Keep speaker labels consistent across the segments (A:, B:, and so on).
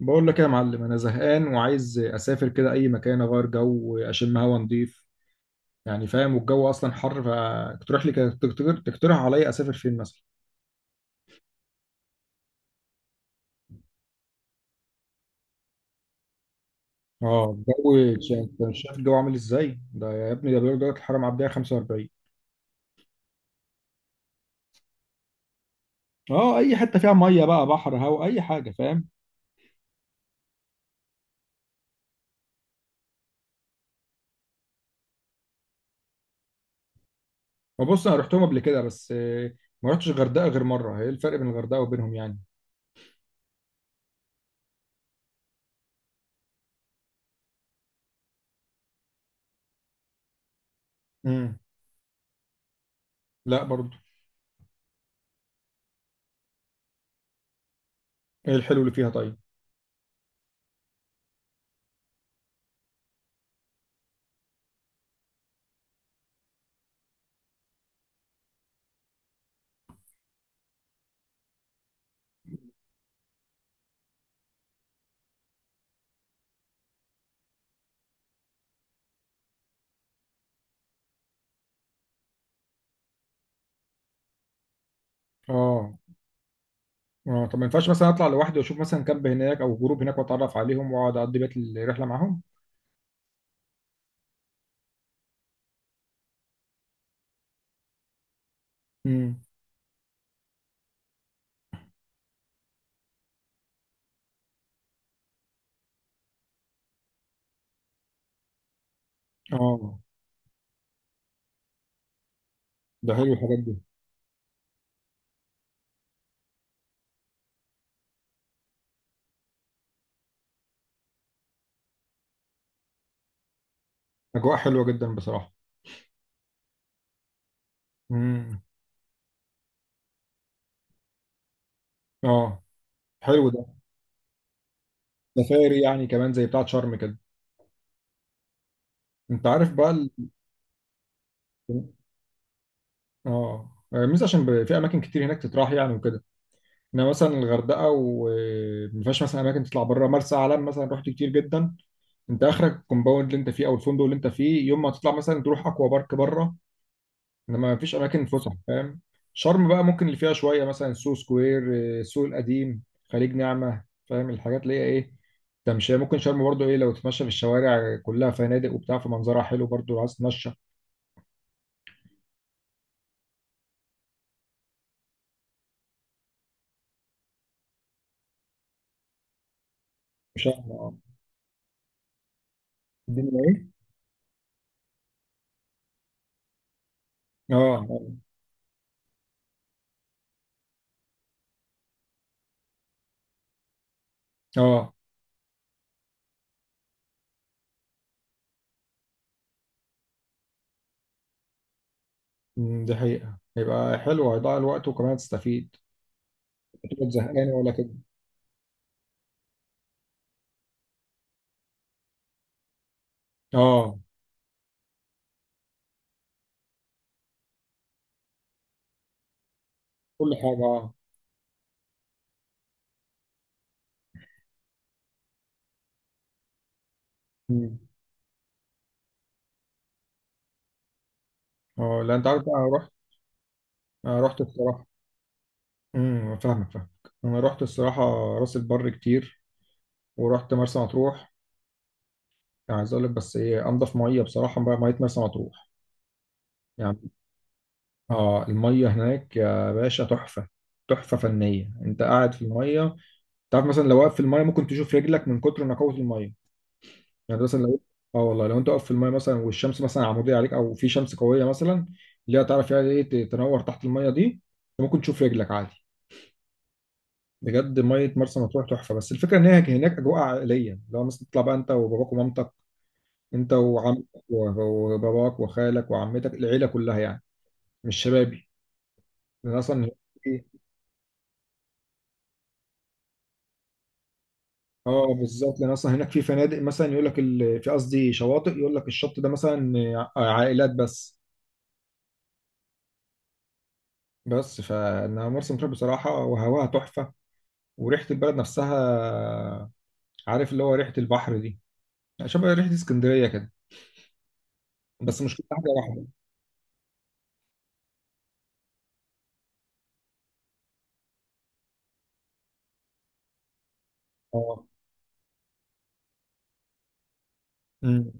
A: بقول لك ايه يا معلم؟ انا زهقان وعايز اسافر كده اي مكان، اغير جو، اشم هوا نضيف يعني، فاهم؟ والجو اصلا حر، فتقترح لي تقترح عليا اسافر فين مثلا؟ اه الجو. شايف شايف الجو عامل ازاي ده يا ابني؟ ده بيقول درجه الحراره معديه 45. اه اي حته فيها ميه بقى، بحر، هوا، اي حاجه، فاهم؟ وبص انا رحتهم قبل كده بس ما رحتش الغردقه غير مره. ايه الفرق بين الغردقه وبينهم يعني؟ امم لا برضو. ايه الحلو اللي فيها طيب؟ اه. اه طب ما ينفعش مثلا اطلع لوحدي واشوف مثلا كامب هناك او جروب هناك واتعرف عليهم واقعد اقضي بقية الرحله معاهم؟ امم اه ده حلو الحاجات دي. اجواء حلوه جدا بصراحه. امم اه حلو ده. سفاري يعني، كمان زي بتاعه شرم كده؟ انت عارف بقى اه، مش عشان في اماكن كتير هناك تتراح يعني وكده. انا مثلا الغردقه، وما فيهاش مثلا اماكن تطلع بره. مرسى علم مثلا، رحت كتير جدا، انت اخرك الكومباوند اللي انت فيه او الفندق اللي انت فيه، يوم ما تطلع مثلا تروح اكوا بارك بره. انما ما فيش اماكن فسح، فاهم؟ شرم بقى ممكن اللي فيها شويه، مثلا سوق سكوير، السوق القديم، خليج نعمه، فاهم الحاجات اللي هي ايه. تمشي، ممكن شرم برضو ايه، لو تتمشى في الشوارع كلها فنادق وبتاع، فمنظرها حلو برضو لو عايز تتمشى. مش اه. الدنيا ايه؟ اه. اه. أمم، دي حقيقه، هيبقى حلو، هيضيع الوقت وكمان هتستفيد. تبقى زهقان ولا كده. اه كل حاجه، اه. أمم. اه لا انت عارف بقى، انا رحت. انا رحت الصراحه. امم، فاهمك فاهمك. انا رحت الصراحه راس البر كتير، ورحت مرسى مطروح. يعني عايز اقول لك بس ايه، انضف ميه بصراحه بقى ميه مرسى مطروح يعني. اه الميه هناك يا باشا تحفه. تحفه فنيه، انت قاعد في الميه. تعرف مثلا لو واقف في الميه ممكن تشوف رجلك من كتر نقاوه الميه. يعني مثلا لو، اه والله لو انت واقف في الميه مثلا والشمس مثلا عموديه عليك او في شمس قويه مثلا، اللي هي تعرف يعني ايه، تنور تحت الميه دي، أنت ممكن تشوف رجلك عادي. بجد ميه مرسى مطروح تحفه. بس الفكره ان هي هناك اجواء عائليه. لو مثلا تطلع بقى انت وباباك ومامتك، انت وعمك وباباك وخالك وعمتك، العيله كلها يعني. مش شبابي، لان اصلا هناك-. اه بالظبط، لان اصلا هناك في فنادق مثلا يقول لك في، قصدي شواطئ، يقول لك الشط ده مثلا عائلات بس. بس فانا مرسى مطروح بصراحه وهواها تحفه، وريحه البلد نفسها، عارف اللي هو ريحه البحر دي، شبه ريحه اسكندريه كده. بس مشكلة حاجه واحده. اه. امم.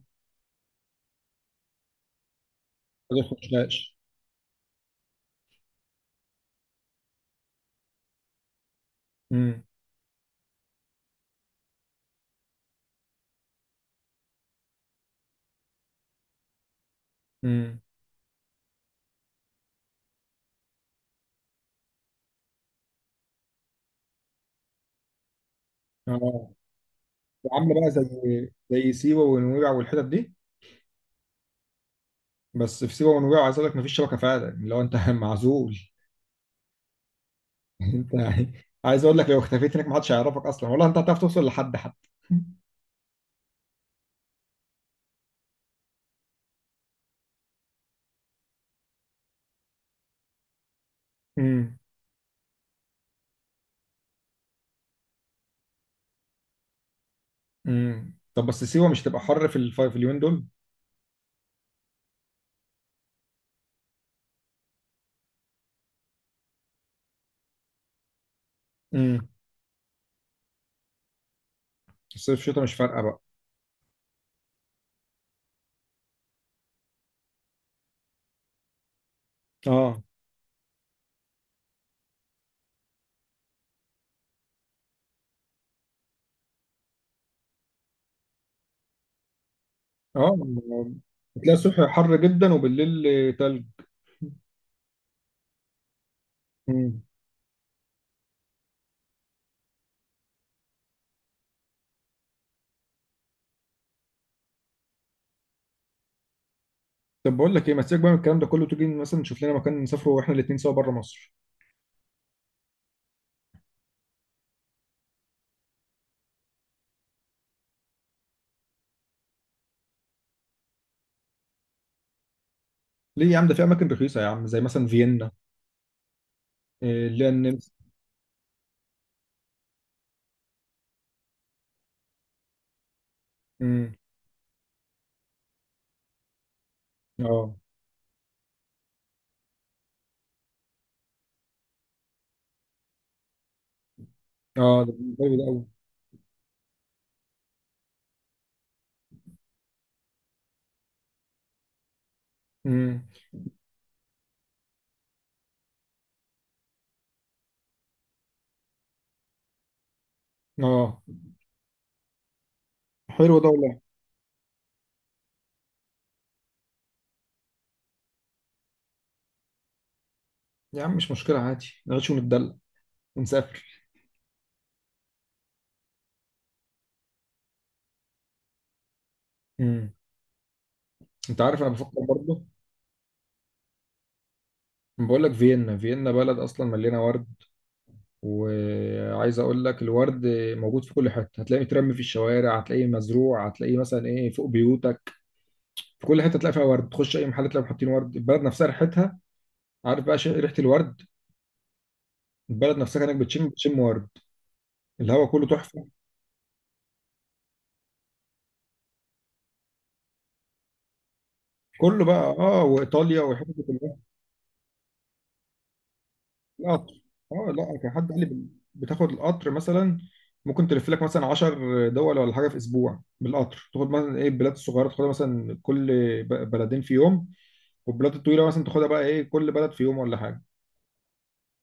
A: ما تخشاش. امم. امم. اه وعامله بقى زي سيوه ونويبع والحتت دي. بس في سيوه ونويبع عايز اقول لك مفيش شبكه فعلا. يعني لو انت معزول. انت يعني، عايز اقول لك لو اختفيت هناك محدش هيعرفك اصلا والله. انت هتعرف توصل لحد حتى؟ امم. طب بس سيوه مش تبقى حر في في اليومين دول؟ امم. الصيف شتاء مش فارقه بقى؟ اه. اه بتلاقي الصبح حر جدا وبالليل تلج. امم طب بقول لك ايه، ما تسيبك بقى من الكلام ده كله، تيجي مثلا نشوف لنا مكان نسافره واحنا الاثنين سوا بره مصر. ليه يا عم؟ ده في اماكن رخيصه يا عم، زي مثلا فيينا، إيه اللي هي النمسا. امم. اه. اه ده بالنسبة لي ده. امم. اه حلو ده والله. يا عم مش مشكله، عادي نعيش وندلع ونسافر. امم. انت عارف انا بفكر برضه. بقول لك فيينا. فيينا بلد اصلا مليانه ورد. وعايز اقول لك الورد موجود في كل حته، هتلاقيه مترمي في الشوارع، هتلاقيه مزروع، هتلاقيه مثلا ايه فوق بيوتك. في كل حته تلاقي فيها ورد، تخش اي محل تلاقي حاطين ورد. البلد نفسها ريحتها، عارف بقى ريحه الورد. البلد نفسها كانك بتشم ورد. الهواء كله تحفه. كله بقى اه، وايطاليا والحتت دي كلها. القطر. اه لا كان حد قال لي بتاخد القطر مثلا، ممكن تلف لك مثلا 10 دول ولا حاجه في اسبوع بالقطر، تاخد مثلا ايه البلاد الصغيره، تاخدها مثلا كل بلدين في يوم، والبلاد الطويله مثلا تاخدها بقى ايه كل بلد في يوم ولا حاجه.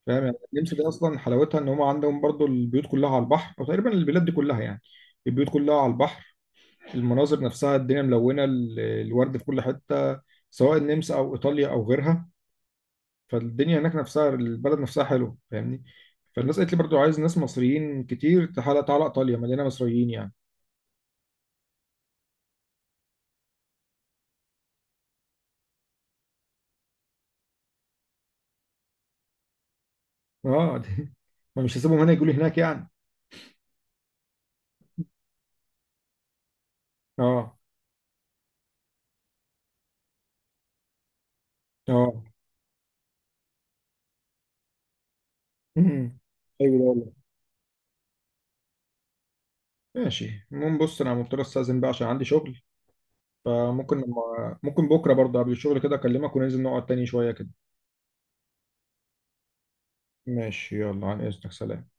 A: فاهم يعني النمسا دي اصلا حلاوتها ان هم عندهم برضو البيوت كلها على البحر، او تقريبا البلاد دي كلها يعني البيوت كلها على البحر. المناظر نفسها الدنيا ملونه، الورد في كل حته، سواء النمسا او ايطاليا او غيرها. فالدنيا هناك نفسها، البلد نفسها حلوه، فاهمني. فالناس قالت لي برضو، عايز ناس مصريين كتير، تعالى، تعالى ايطاليا مليانه مصريين يعني. اه ما مش هسيبهم هنا يجوا لي هناك يعني. اه. اه. مم. ايوه ده والله. ماشي المهم بص انا مضطر استاذن بقى عشان عندي شغل. فممكن لما ممكن بكره برضه قبل الشغل كده اكلمك وننزل نقعد تاني شويه كده. ماشي، يلا عن اذنك، سلام.